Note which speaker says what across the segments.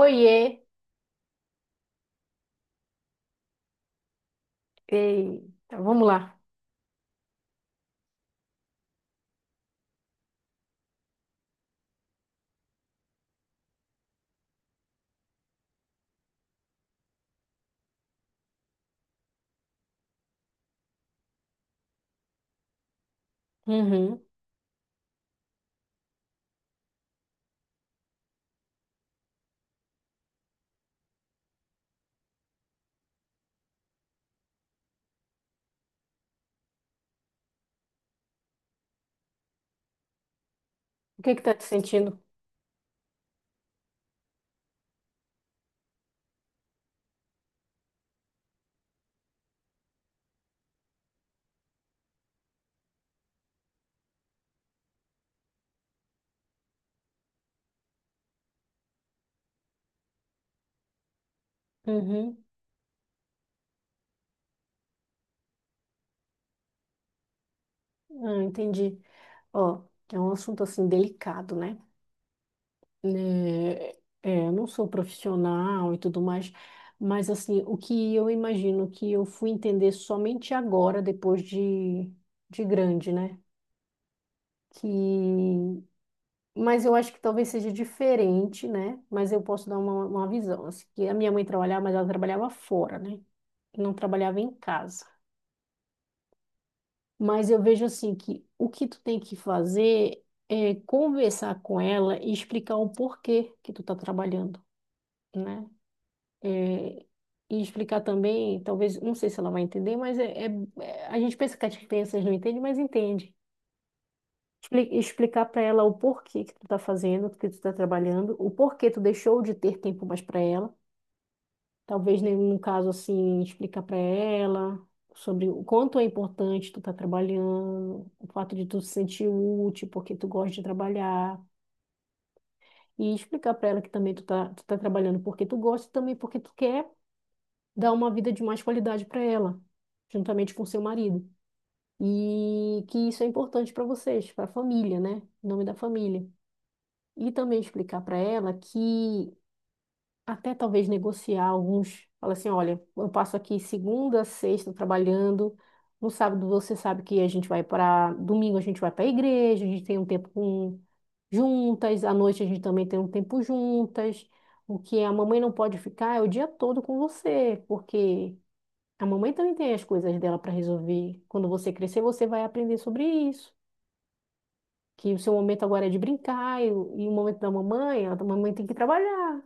Speaker 1: Oiê! Eita, vamos lá. Uhum. O que que tá te sentindo? Uhum. Ah, entendi. Ó, é um assunto assim delicado, né? Né, é, eu não sou profissional e tudo mais, mas assim, o que eu imagino que eu fui entender somente agora, depois de grande, né? Que... Mas eu acho que talvez seja diferente, né? Mas eu posso dar uma visão. Assim, que a minha mãe trabalhava, mas ela trabalhava fora, né? Não trabalhava em casa. Mas eu vejo assim que o que tu tem que fazer é conversar com ela e explicar o porquê que tu tá trabalhando, né? É, e explicar também, talvez, não sei se ela vai entender, mas a gente pensa que as crianças não entendem, mas entende. Explicar para ela o porquê que tu tá fazendo, que tu tá trabalhando, o porquê tu deixou de ter tempo mais para ela. Talvez num caso assim, explicar para ela sobre o quanto é importante tu tá trabalhando, o fato de tu se sentir útil, porque tu gosta de trabalhar, e explicar para ela que também tu tá trabalhando porque tu gosta e também porque tu quer dar uma vida de mais qualidade para ela, juntamente com seu marido. E que isso é importante para vocês, para a família, né? Em nome da família. E também explicar para ela que até talvez negociar alguns. Fala assim, olha, eu passo aqui segunda, a sexta trabalhando. No sábado você sabe que a gente vai para domingo a gente vai para a igreja, a gente tem um tempo juntas, à noite a gente também tem um tempo juntas. O que a mamãe não pode ficar é o dia todo com você, porque a mamãe também tem as coisas dela para resolver. Quando você crescer, você vai aprender sobre isso. Que o seu momento agora é de brincar e o momento da mamãe, a mamãe tem que trabalhar.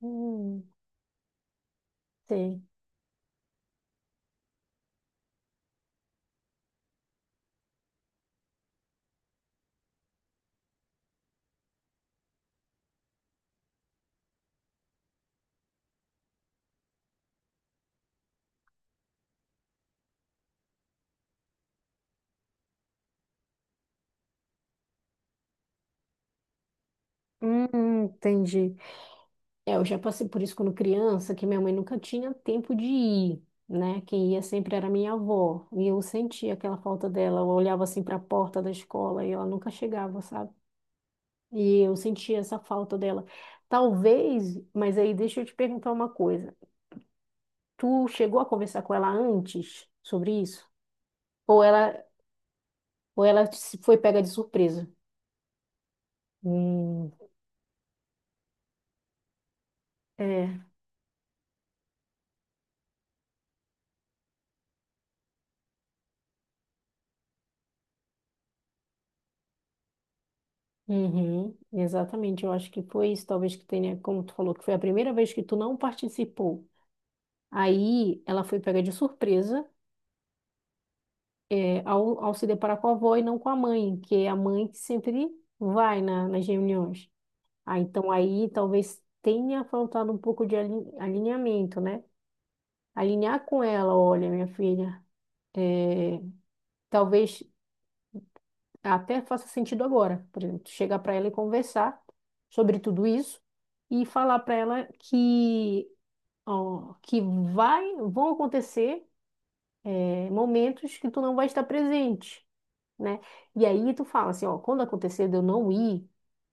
Speaker 1: Hum, sei. Entendi. É, eu já passei por isso quando criança, que minha mãe nunca tinha tempo de ir, né? Quem ia sempre era minha avó. E eu sentia aquela falta dela. Eu olhava assim para a porta da escola e ela nunca chegava, sabe? E eu sentia essa falta dela. Talvez, mas aí deixa eu te perguntar uma coisa. Tu chegou a conversar com ela antes sobre isso? Ou ela, ou ela se foi pega de surpresa? Hum, é. Uhum, exatamente, eu acho que foi isso, talvez que tenha, como tu falou, que foi a primeira vez que tu não participou. Aí ela foi pega de surpresa, é, ao se deparar com a avó e não com a mãe, que é a mãe que sempre vai nas reuniões. Ah, então aí talvez tenha faltado um pouco de alinhamento, né? Alinhar com ela, olha, minha filha, é, talvez até faça sentido agora, por exemplo, chegar para ela e conversar sobre tudo isso e falar para ela que ó, que vai vão acontecer momentos que tu não vai estar presente, né? E aí tu fala assim, ó, quando acontecer de eu não ir,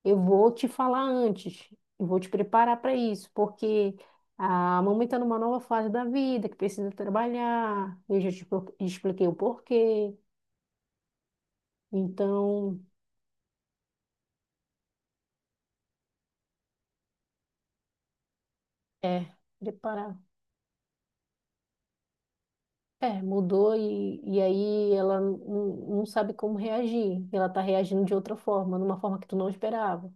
Speaker 1: eu vou te falar antes, eu vou te preparar para isso, porque a mamãe está numa nova fase da vida, que precisa trabalhar, eu já te expliquei o porquê, então é preparar. É, mudou e aí ela não sabe como reagir. Ela tá reagindo de outra forma, numa forma que tu não esperava.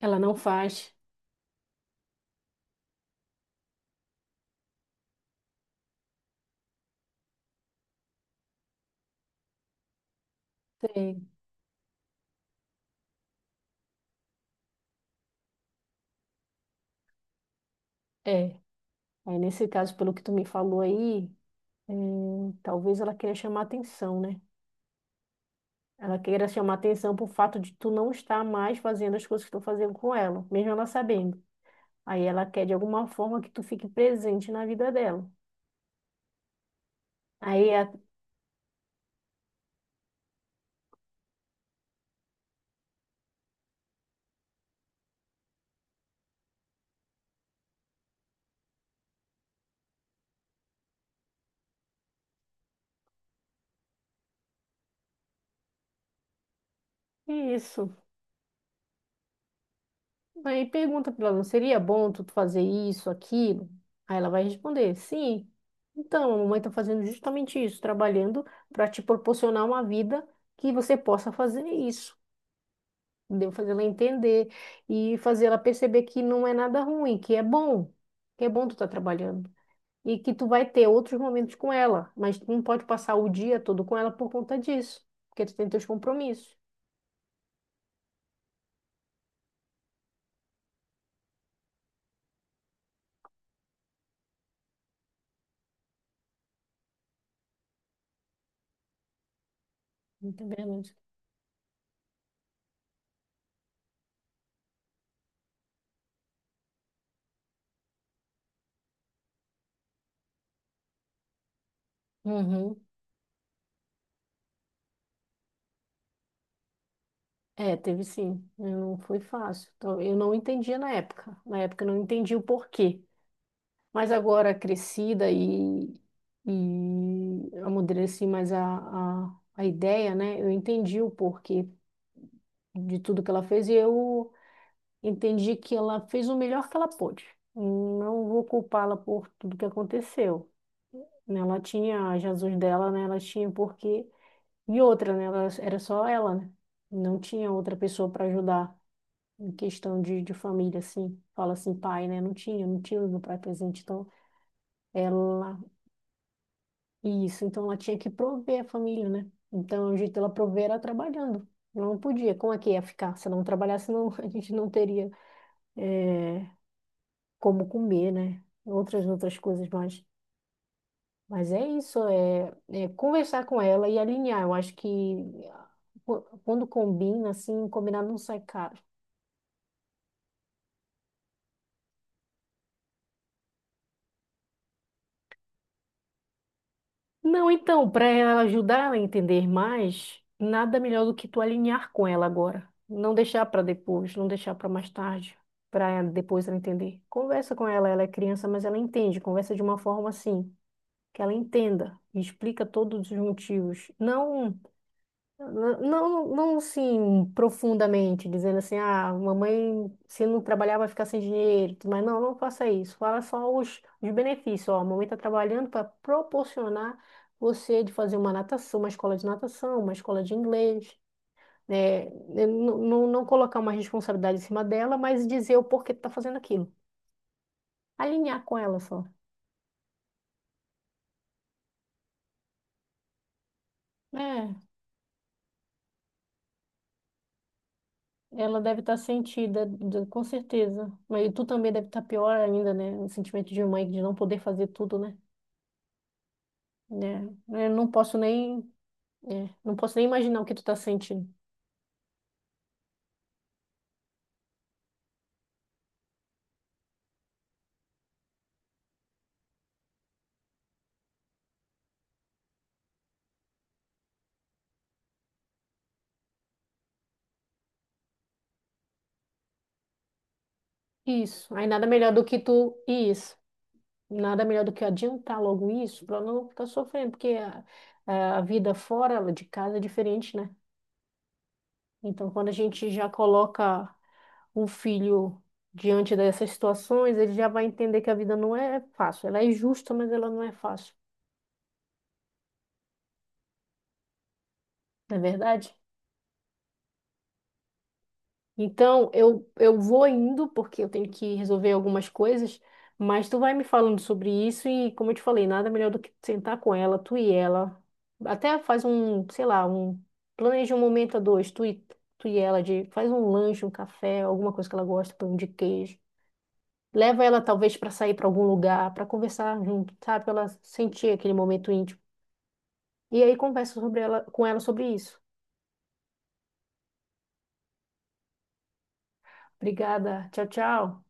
Speaker 1: Ela não faz. Sei. É. Aí nesse caso, pelo que tu me falou aí, é, talvez ela queira chamar atenção, né? Ela queira chamar atenção pro fato de tu não estar mais fazendo as coisas que tu tá fazendo com ela, mesmo ela sabendo. Aí ela quer de alguma forma que tu fique presente na vida dela. Aí é isso. Aí pergunta pra ela, não seria bom tu fazer isso, aquilo? Aí ela vai responder, sim. Então, a mamãe tá fazendo justamente isso, trabalhando para te proporcionar uma vida que você possa fazer isso. Entendeu? Fazer ela entender e fazer ela perceber que não é nada ruim, que é bom tu tá trabalhando. E que tu vai ter outros momentos com ela, mas tu não pode passar o dia todo com ela por conta disso, porque tu tem teus compromissos. Entendeu? Uhum. É, teve sim. Eu Não foi fácil. Então, eu não entendia na época. Na época eu não entendi o porquê. Mas agora crescida e amadureci mais a ideia, né? Eu entendi o porquê de tudo que ela fez e eu entendi que ela fez o melhor que ela pôde. Não vou culpá-la por tudo que aconteceu. Né? Ela tinha Jesus dela, né? Ela tinha um porquê. E outra, né? Ela, era só ela, né? Não tinha outra pessoa para ajudar em questão de família, assim, fala assim, pai, né? Não tinha, não tinha o meu pai presente, então ela, isso, então ela tinha que prover a família, né? Então o jeito dela prover era trabalhando, não podia, como é que ia ficar? Se ela não trabalhasse, não, a gente não teria eh, como comer, né? Outras coisas mais. Mas é isso, é, é conversar com ela e alinhar. Eu acho que quando combina, assim, combinar não sai caro. Não, então, para ela ajudar ela a entender mais, nada melhor do que tu alinhar com ela agora. Não deixar para depois, não deixar para mais tarde, para depois ela entender. Conversa com ela, ela é criança, mas ela entende. Conversa de uma forma assim, que ela entenda e explica todos os motivos. Não não, não, não, assim, profundamente, dizendo assim, ah, mamãe, se não trabalhar vai ficar sem dinheiro, tudo mais não, não faça isso. Fala só os benefícios, ó, a mamãe está trabalhando para proporcionar você de fazer uma natação, uma escola de natação, uma escola de inglês, né? Eu Não, não, colocar uma responsabilidade em cima dela, mas dizer o porquê que está fazendo aquilo. Alinhar com ela só. É, ela deve estar sentida, com certeza. Mas tu também deve estar pior ainda, né? O sentimento de mãe de não poder fazer tudo, né? É, eu não posso nem, não posso nem imaginar o que tu tá sentindo. Isso. Aí nada melhor do que tu. Isso. Nada melhor do que adiantar logo isso para não ficar sofrendo, porque a vida fora de casa é diferente, né? Então, quando a gente já coloca o filho diante dessas situações, ele já vai entender que a vida não é fácil. Ela é justa, mas ela não é fácil. Não é verdade? Então, eu vou indo porque eu tenho que resolver algumas coisas, mas tu vai me falando sobre isso e, como eu te falei, nada melhor do que sentar com ela, tu e ela. Até faz um, sei lá, um, planeja um momento a dois, tu e ela, de, faz um lanche, um café, alguma coisa que ela gosta, pão de queijo. Leva ela talvez para sair para algum lugar, para conversar junto, sabe? Pra ela sentir aquele momento íntimo. E aí conversa sobre ela, com ela sobre isso. Obrigada. Tchau, tchau.